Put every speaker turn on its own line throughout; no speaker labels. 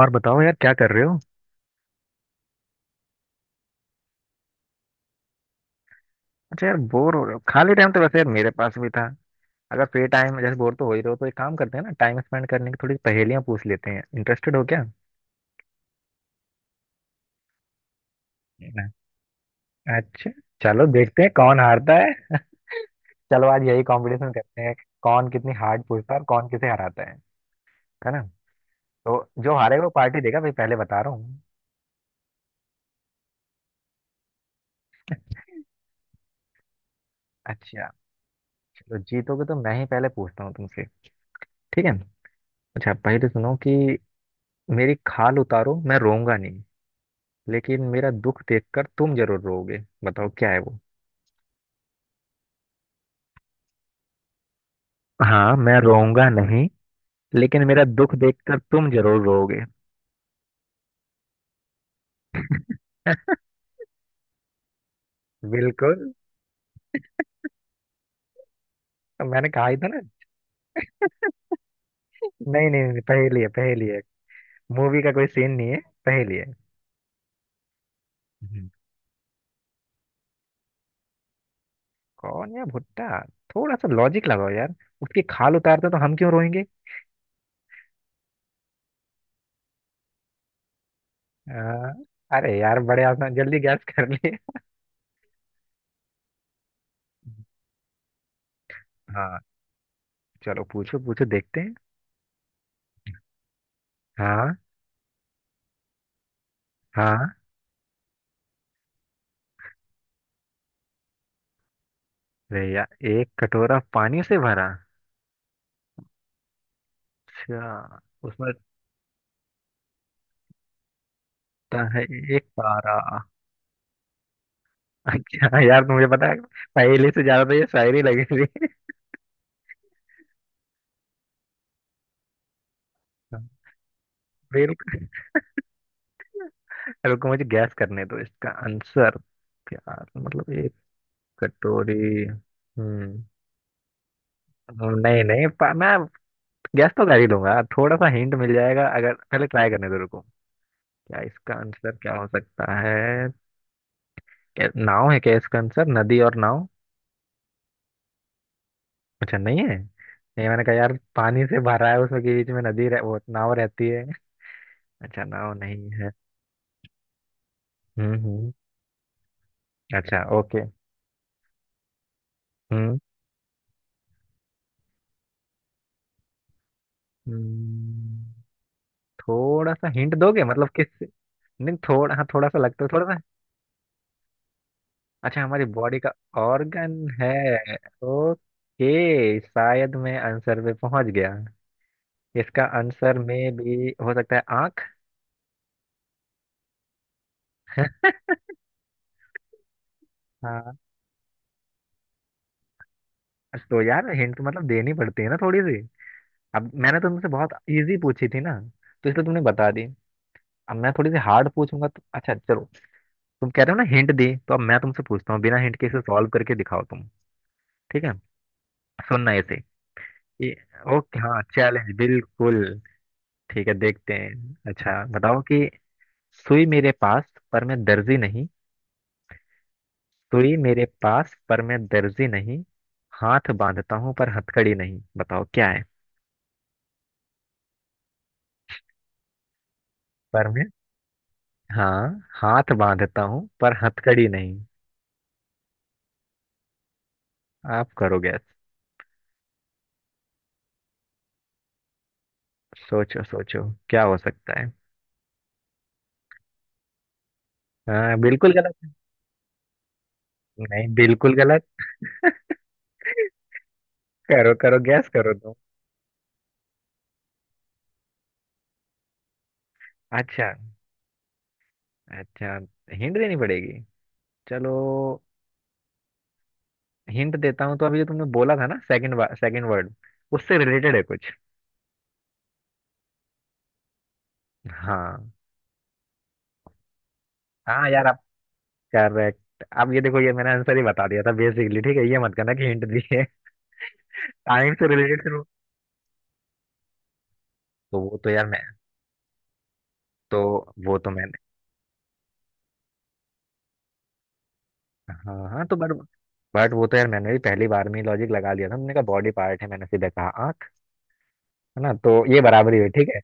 और बताओ यार क्या कर रहे हो। अच्छा यार बोर हो रहे हो, खाली टाइम तो वैसे यार मेरे पास भी था। अगर फ्री टाइम जैसे बोर तो हो ही रहे हो तो एक काम करते हैं ना, टाइम स्पेंड करने की थोड़ी पहेलियां पूछ लेते हैं। इंटरेस्टेड हो क्या? है ना? अच्छा, चलो देखते हैं कौन हारता है। चलो आज यही कंपटीशन करते हैं, कौन कितनी हार्ड पूछता है और कौन किसे हराता है ना। तो जो हारेगा वो पार्टी देगा भाई, पहले बता रहा हूँ। अच्छा चलो, जीतोगे तो मैं ही पहले पूछता हूँ तुमसे। ठीक है। अच्छा, पहले सुनो कि मेरी खाल उतारो मैं रोऊंगा नहीं, लेकिन मेरा दुख देखकर तुम जरूर रोओगे। बताओ क्या है वो। हाँ, मैं रोऊंगा नहीं, लेकिन मेरा दुख देखकर तुम जरूर रोओगे। बिल्कुल। मैंने कहा ही था ना। नहीं नहीं नहीं, पहेली है, पहेली है। मूवी का कोई सीन नहीं है। पहेली है। हम्म। कौन या भुट्टा। थोड़ा सा लॉजिक लगाओ यार, उसकी खाल उतारते तो हम क्यों रोएंगे। आ, अरे यार बड़े आसान, जल्दी गैस कर लिए। हाँ चलो, पूछो पूछो देखते हैं। हाँ हाँ। अरे यार एक कटोरा पानी से भरा। अच्छा। उसमें लगता है एक तारा। क्या यार, मुझे पता है। पहेली से ज्यादा तो ये शायरी लगी थी। बिल्कुल। रुको मुझे गैस करने दो इसका आंसर। प्यार मतलब एक कटोरी। हम्म। नहीं नहीं, मैं गैस तो कर ही लूंगा, थोड़ा सा हिंट मिल जाएगा अगर, पहले ट्राई करने दो, रुको। क्या इसका आंसर, क्या हो सकता है। नाव है क्या इसका आंसर, नदी और नाव। अच्छा नहीं है। नहीं मैंने कहा यार, पानी से भरा है उसमें के बीच में वो नाव रहती है। अच्छा नाव नहीं है। हम्म हम्म। अच्छा ओके। हम्म। हम्म, थोड़ा सा हिंट दोगे मतलब किस। नहीं थोड़ा, हाँ थोड़ा सा लगता है, थोड़ा सा। अच्छा हमारी बॉडी का ऑर्गन है। ओके, शायद मैं आंसर पे पहुंच गया। इसका आंसर में भी हो सकता है, आंख। हाँ तो यार हिंट तो मतलब देनी पड़ती है ना थोड़ी सी। अब मैंने तो तुमसे बहुत इजी पूछी थी ना, तो इसलिए तुमने बता दी। अब मैं थोड़ी सी हार्ड पूछूंगा, तो अच्छा चलो। तुम कह रहे हो ना हिंट दी, तो अब मैं तुमसे पूछता हूँ बिना हिंट के, इसे सॉल्व करके दिखाओ तुम। ठीक है। सुन रहे थे। ये- ओके हाँ, चैलेंज बिल्कुल। ठीक है देखते हैं। अच्छा बताओ कि सुई मेरे पास पर मैं दर्जी नहीं। सुई मेरे पास पर मैं दर्जी नहीं। हाथ बांधता हूँ पर हथकड़ी नहीं। बताओ क्या है। पर मैं, हाँ, हाथ बांधता हूँ पर हथकड़ी नहीं। आप करो गैस। सोचो सोचो, क्या हो सकता है। हाँ बिल्कुल गलत। नहीं बिल्कुल गलत। करो करो, गैस करो तुम। अच्छा। अच्छा, हिंट देनी पड़ेगी। चलो, हिंट देता हूँ। तो अभी जो तुमने बोला था ना, सेकंड सेकंड वर्ड, उससे रिलेटेड है कुछ। हाँ। हाँ यार, आप करेक्ट। अब ये देखो, ये मैंने आंसर ही बता दिया था बेसिकली। ठीक है, ये मत करना कि हिंट दिए। टाइम से रिलेटेड फिर वो तो यार मैं, तो वो तो मैंने, हाँ हाँ तो बट वो तो यार मैंने भी पहली बार में ही लॉजिक लगा लिया था। मैंने कहा बॉडी पार्ट है, मैंने सीधा कहा आंख। है ना, तो ये बराबरी हुई, ठीक है।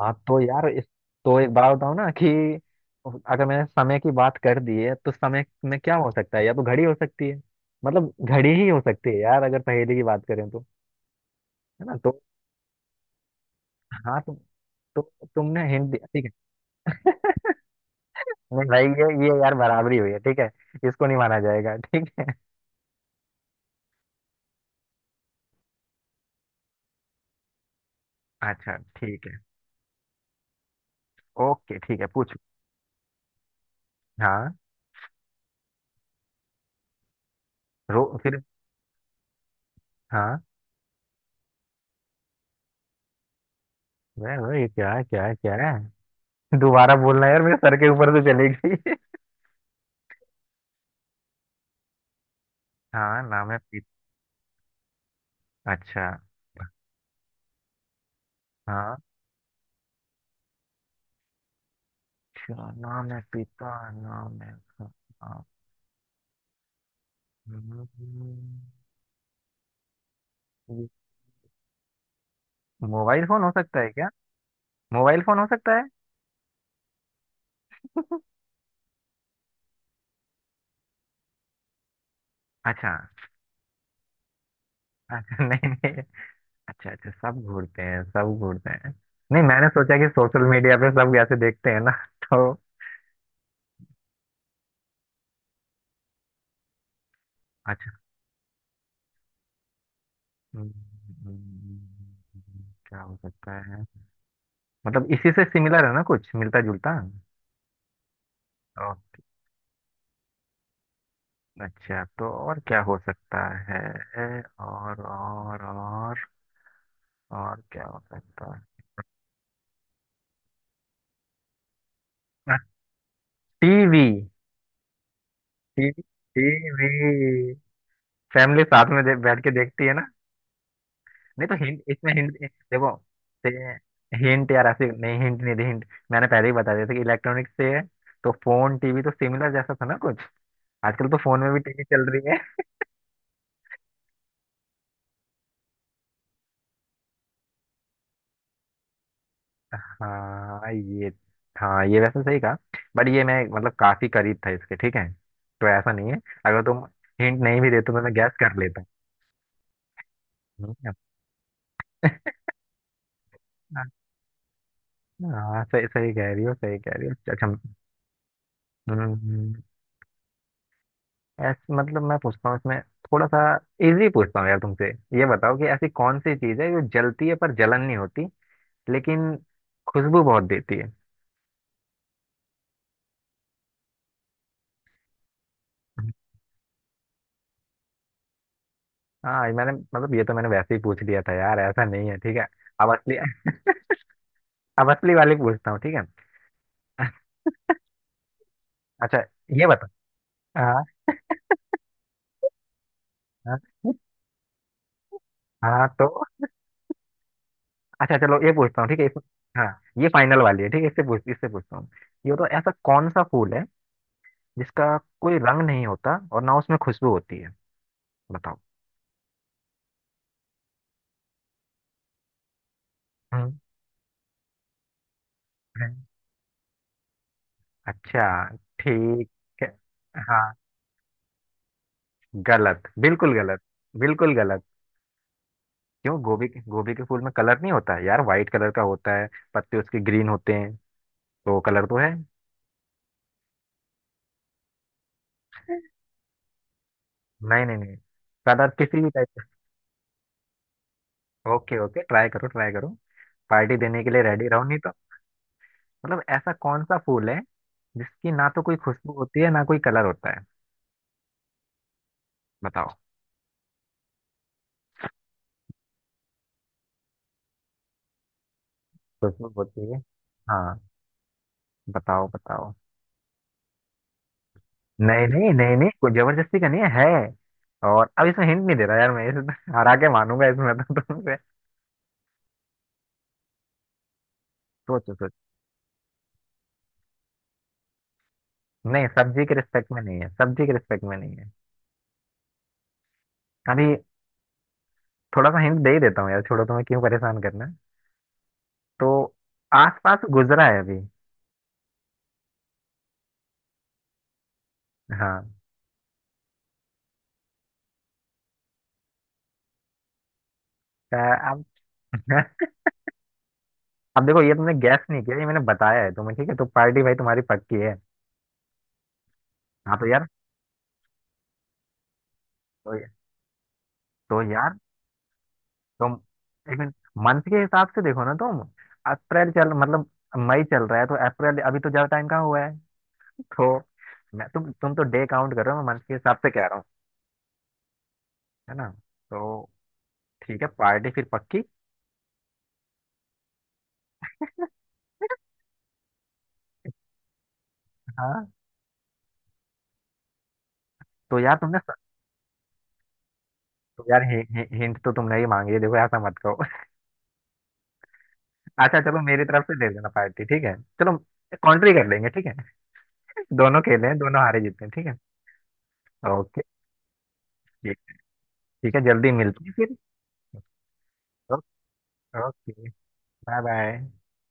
हाँ तो यार इस, तो एक बात बताओ ना कि अगर मैंने समय की बात कर दी है, तो समय में क्या हो सकता है? या तो घड़ी हो सकती है। मतलब घड़ी ही हो सकती है यार, अगर पहेली की बात करें तो। है ना, तो हाँ तो तुमने हिंट दिया, ठीक है। नहीं भाई, ये यार बराबरी हुई है ठीक है। इसको नहीं माना जाएगा, ठीक है। अच्छा ठीक है। ओके ठीक है, पूछो। हाँ, रो फिर, हाँ। मैं वो, ये क्या है, क्या है, क्या है? दोबारा बोलना यार, मेरे सर के ऊपर से चली गई। हाँ, नाम है पीत। अच्छा। हाँ क्या, नाम है पिता? नाम है उसका? हम्म, ये मोबाइल फोन हो सकता है क्या? मोबाइल फोन हो सकता है। अच्छा अच्छा, नहीं नहीं, अच्छा अच्छा, सब घूरते हैं, सब घूरते हैं। नहीं, मैंने सोचा कि सोशल मीडिया पे सब ऐसे देखते हैं ना, तो। अच्छा। हम्म, हम्म, क्या हो सकता है? मतलब इसी से सिमिलर है ना कुछ, मिलता जुलता। ओ, अच्छा, तो और क्या हो सकता है? और और और और क्या हो सकता है? टीवी। टीवी। टीवी, फैमिली साथ में बैठ के देखती है ना। नहीं तो हिंट, इसमें हिंट देखो। हिंट यार ऐसे नहीं, हिंट नहीं दे, हिंट। मैंने पहले ही बता दिया था कि इलेक्ट्रॉनिक्स से है, तो फोन टीवी तो सिमिलर जैसा था ना कुछ। आजकल तो फोन में भी टीवी चल रही है। हाँ ये, हाँ ये वैसे सही कहा। बट ये मैं मतलब काफी करीब था इसके, ठीक है। तो ऐसा नहीं है, अगर तुम हिंट नहीं भी देते तो मैं गैस कर लेता। हूँ। हाँ सही सही कह रही हो, सही कह रही हो। अच्छा हम्म, ऐसे मतलब मैं पूछता हूँ, इसमें थोड़ा सा इजी पूछता हूँ यार तुमसे। ये बताओ कि ऐसी कौन सी चीज है जो जलती है पर जलन नहीं होती, लेकिन खुशबू बहुत देती है। हाँ, ये मैंने मतलब, ये तो मैंने वैसे ही पूछ लिया था यार, ऐसा नहीं है, ठीक है। अब असली, अब असली वाली पूछता हूँ, ठीक है। अच्छा ये बता, हाँ हाँ हाँ तो। अच्छा चलो, ये पूछता हूँ, ठीक है इस, हाँ, ये फाइनल वाली है, ठीक है, इससे पूछ, इससे पूछता हूँ। ये बताओ ऐसा कौन सा फूल है जिसका कोई रंग नहीं होता और ना उसमें खुशबू होती है। बताओ। हम्म। अच्छा। ठीक है। हाँ गलत, बिल्कुल गलत, बिल्कुल गलत। क्यों? गोभी के, गोभी के फूल में कलर नहीं होता है यार? वाइट कलर का होता है, पत्ते उसके ग्रीन होते हैं, तो कलर तो है। नहीं नहीं नहीं, कलर किसी भी टाइप का। ओके ओके, ट्राई करो ट्राई करो, पार्टी देने के लिए रेडी रहो नहीं तो। मतलब ऐसा कौन सा फूल है जिसकी ना तो कोई खुशबू होती है ना कोई कलर होता है। बताओ। खुशबू होती है, हाँ, बताओ बताओ। नहीं नहीं नहीं नहीं, कोई जबरदस्ती का नहीं है, है। और अब इसमें हिंट नहीं दे रहा यार मैं, इसमें हरा के मानूंगा इसमें तो तुमसे। सोचो सोचो, नहीं सब्जी के रिस्पेक्ट में नहीं है, सब्जी के रिस्पेक्ट में नहीं है। अभी थोड़ा सा हिंट दे ही देता हूँ यार, छोड़ो, तुम्हें क्यों परेशान करना। तो आसपास गुजरा है अभी। हाँ। अ, अब, अब देखो, ये तुमने गैस नहीं किया, ये मैंने बताया है तुम्हें, ठीक है, तो पार्टी भाई तुम्हारी पक्की है। हाँ तो यार, तो, तो यार तुम, एक मिनट, मंथ के हिसाब से देखो ना तुम। अप्रैल चल मतलब मई चल रहा है तो अप्रैल, अभी तो ज्यादा टाइम कहाँ हुआ है। तो मैं, तुम तो डे काउंट कर रहे हो, मैं मंथ के हिसाब से कह रहा हूँ। है ना, तो ठीक है, पार्टी फिर पक्की। हाँ तो यार तुमने, तो यार हि, हि, हिंट तो तुमने ही मांगी है, देखो ऐसा मत कहो। अच्छा चलो, मेरी तरफ से दे देना पार्टी, ठीक है। चलो कॉन्ट्री कर लेंगे, ठीक है। दोनों खेले हैं, दोनों हारे जीते हैं, ठीक है। ओके, ठीक, ठीक है, जल्दी मिलते हैं फिर। Okay, bye bye.